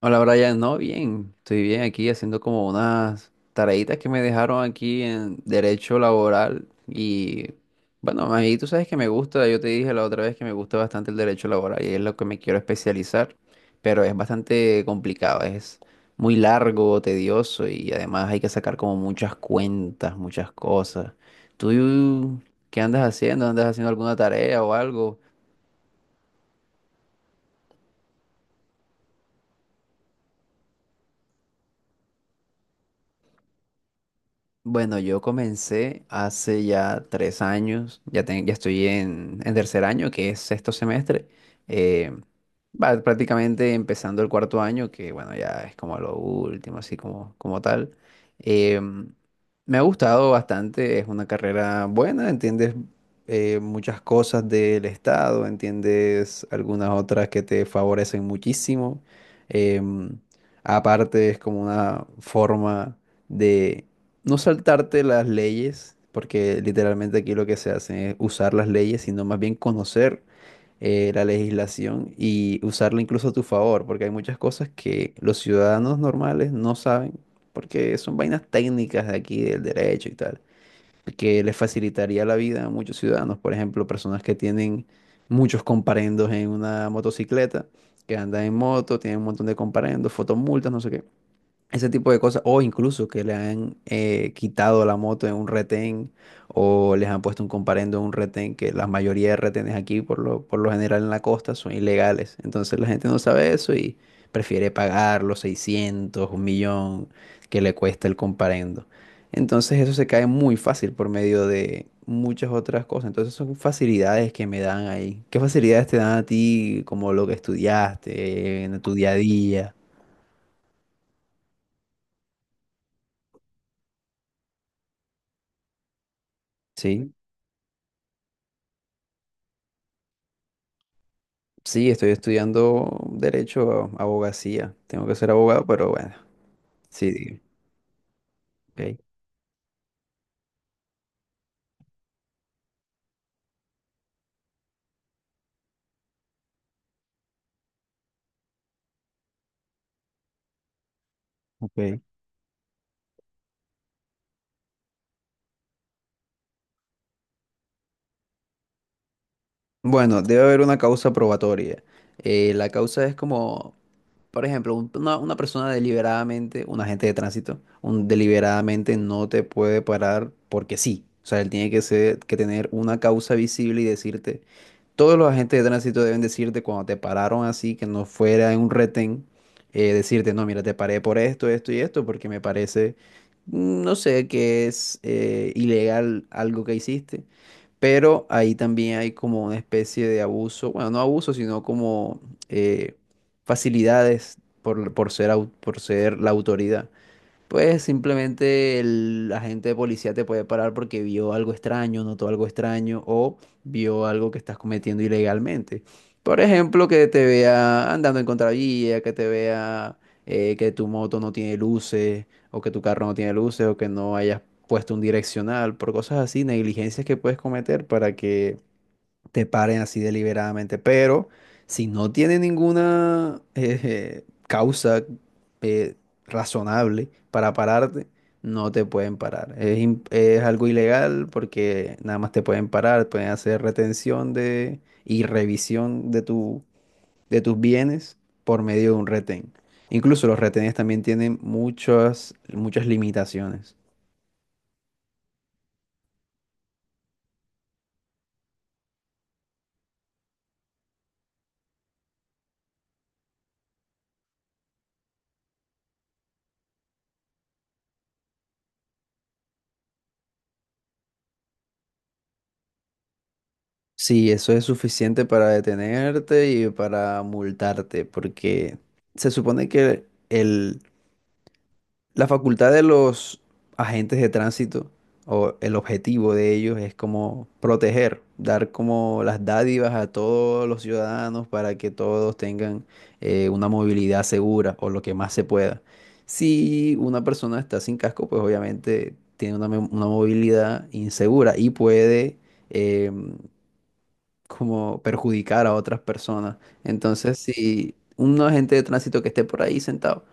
Hola Brian, no, bien, estoy bien aquí haciendo como unas tareitas que me dejaron aquí en derecho laboral y bueno, ahí tú sabes que me gusta, yo te dije la otra vez que me gusta bastante el derecho laboral y es lo que me quiero especializar, pero es bastante complicado, es muy largo, tedioso y además hay que sacar como muchas cuentas, muchas cosas. ¿Tú qué andas haciendo? ¿Andas haciendo alguna tarea o algo? Bueno, yo comencé hace ya 3 años, ya, ya estoy en tercer año, que es 6.º semestre, eh, va prácticamente empezando el cuarto año, que bueno, ya es como lo último, así como, como tal. Em, Me ha gustado bastante, es una carrera buena, entiendes muchas cosas del estado, entiendes algunas otras que te favorecen muchísimo. Em, Aparte es como una forma de no saltarte las leyes, porque literalmente aquí lo que se hace es usar las leyes, sino más bien conocer la legislación y usarla incluso a tu favor, porque hay muchas cosas que los ciudadanos normales no saben, porque son vainas técnicas de aquí, del derecho y tal, que les facilitaría la vida a muchos ciudadanos, por ejemplo, personas que tienen muchos comparendos en una motocicleta, que andan en moto, tienen un montón de comparendos, fotomultas, no sé qué ese tipo de cosas, o incluso que le han quitado la moto en un retén o les han puesto un comparendo en un retén, que la mayoría de retenes aquí, por lo general en la costa, son ilegales. Entonces la gente no sabe eso y prefiere pagar los 600 un millón que le cuesta el comparendo. Entonces eso se cae muy fácil por medio de muchas otras cosas. Entonces son facilidades que me dan ahí. ¿Qué facilidades te dan a ti como lo que estudiaste en tu día a día? ¿Sí? Sí, estoy estudiando derecho, abogacía. Tengo que ser abogado, pero bueno, sí, ok. Ok. Bueno, debe haber una causa probatoria. La causa es como, por ejemplo, una persona deliberadamente, un agente de tránsito, un, deliberadamente no te puede parar porque sí. O sea, él tiene que ser, que tener una causa visible y decirte, todos los agentes de tránsito deben decirte cuando te pararon así, que no fuera en un retén, decirte, no, mira, te paré por esto, esto y esto, porque me parece, mm, no sé, que es ilegal algo que hiciste. Pero ahí también hay como una especie de abuso, bueno, no abuso, sino como eh, facilidades por ser, por ser la autoridad. Pues simplemente el agente de policía te puede parar porque vio algo extraño, notó algo extraño o vio algo que estás cometiendo ilegalmente. Por ejemplo, que te vea andando en contravía, que te vea que tu moto no tiene luces o que tu carro no tiene luces o que no hayas puesto un direccional, por cosas así, negligencias que puedes cometer para que te paren así deliberadamente. Pero si no tiene ninguna causa eh, razonable para pararte, no te pueden parar. Es, es algo ilegal porque nada más te pueden parar, pueden hacer retención de, y revisión de tu, de tus bienes por medio de un retén. Incluso los retenes también tienen muchas, muchas limitaciones. Sí, eso es suficiente para detenerte y para multarte, porque se supone que el, la facultad de los agentes de tránsito o el objetivo de ellos es como proteger, dar como las dádivas a todos los ciudadanos para que todos tengan una movilidad segura o lo que más se pueda. Si una persona está sin casco, pues obviamente tiene una, una movilidad insegura y puede... em, como perjudicar a otras personas. Entonces, si un agente de tránsito que esté por ahí sentado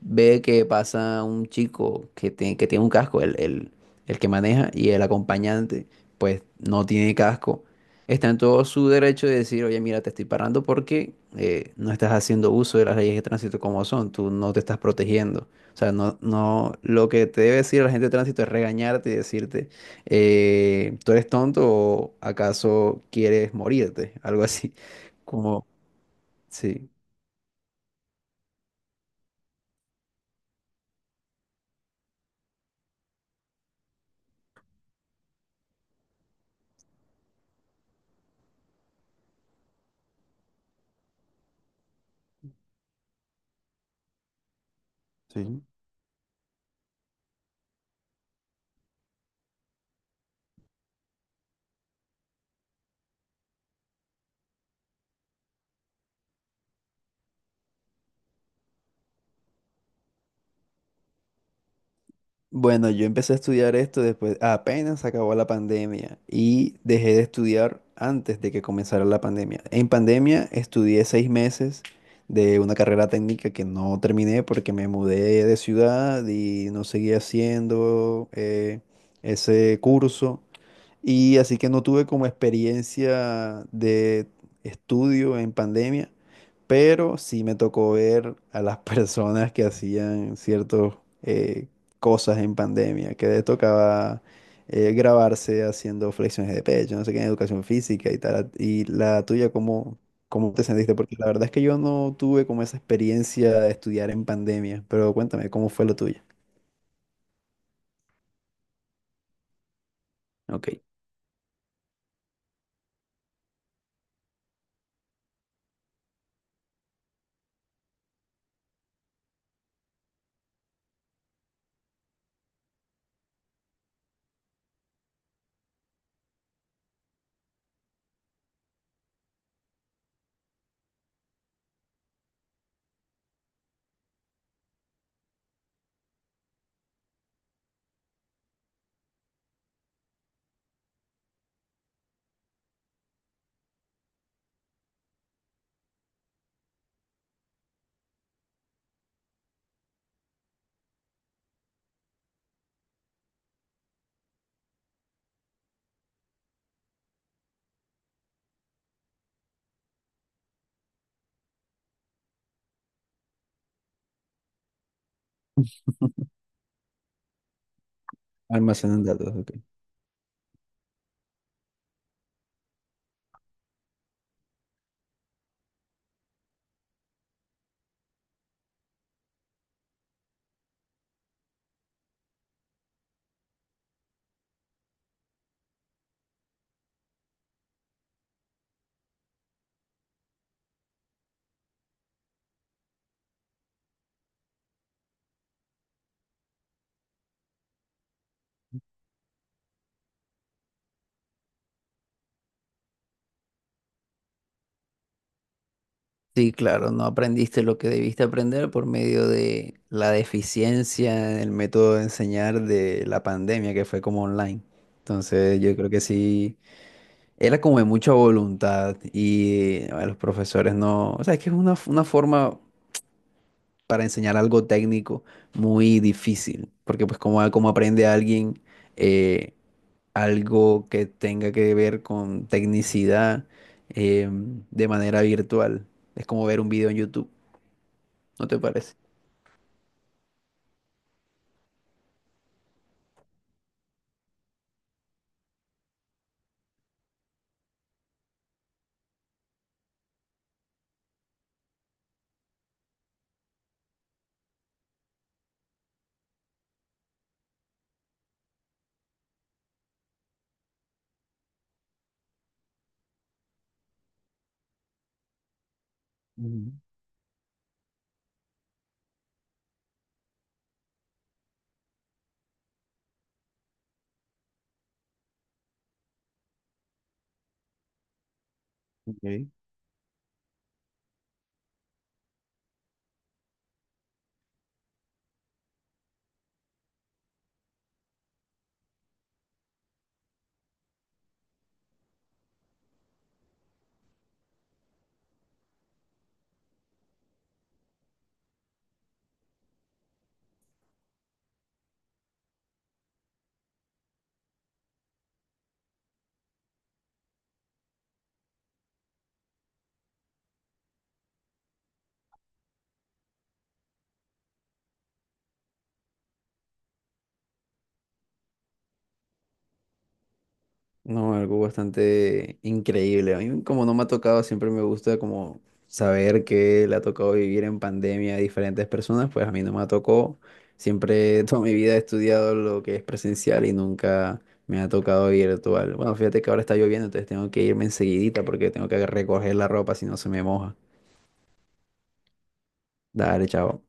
ve que pasa un chico que, que tiene un casco, el que maneja y el acompañante, pues no tiene casco, está en todo su derecho de decir, oye, mira, te estoy parando porque no estás haciendo uso de las leyes de tránsito como son, tú no te estás protegiendo. O sea, no, no, lo que te debe decir la gente de tránsito es regañarte y decirte, ¿tú eres tonto o acaso quieres morirte? Algo así, como, sí. Sí. Bueno, yo empecé a estudiar esto después, apenas acabó la pandemia y dejé de estudiar antes de que comenzara la pandemia. En pandemia estudié 6 meses de una carrera técnica que no terminé porque me mudé de ciudad y no seguí haciendo ese curso. Y así que no tuve como experiencia de estudio en pandemia, pero sí me tocó ver a las personas que hacían ciertas cosas en pandemia, que les tocaba grabarse haciendo flexiones de pecho, no sé qué, en educación física y tal. Y la tuya, ¿cómo, cómo te sentiste? Porque la verdad es que yo no tuve como esa experiencia de estudiar en pandemia, pero cuéntame, ¿cómo fue lo tuya? Ok, almacenan datos, ok. Sí, claro, no aprendiste lo que debiste aprender por medio de la deficiencia en el método de enseñar de la pandemia que fue como online. Entonces, yo creo que sí, era como de mucha voluntad y a los profesores no, o sea, es que es una forma para enseñar algo técnico muy difícil, porque pues como, ah, como aprende alguien eh, algo que tenga que ver con tecnicidad de manera virtual, es como ver un video en YouTube. ¿No te parece? Ujú, ok. No, algo bastante increíble. A mí como no me ha tocado, siempre me gusta como saber que le ha tocado vivir en pandemia a diferentes personas, pues a mí no me tocó. Siempre toda mi vida he estudiado lo que es presencial y nunca me ha tocado virtual. Bueno, fíjate que ahora está lloviendo, entonces tengo que irme enseguidita porque tengo que recoger la ropa si no se me moja. Dale, chao.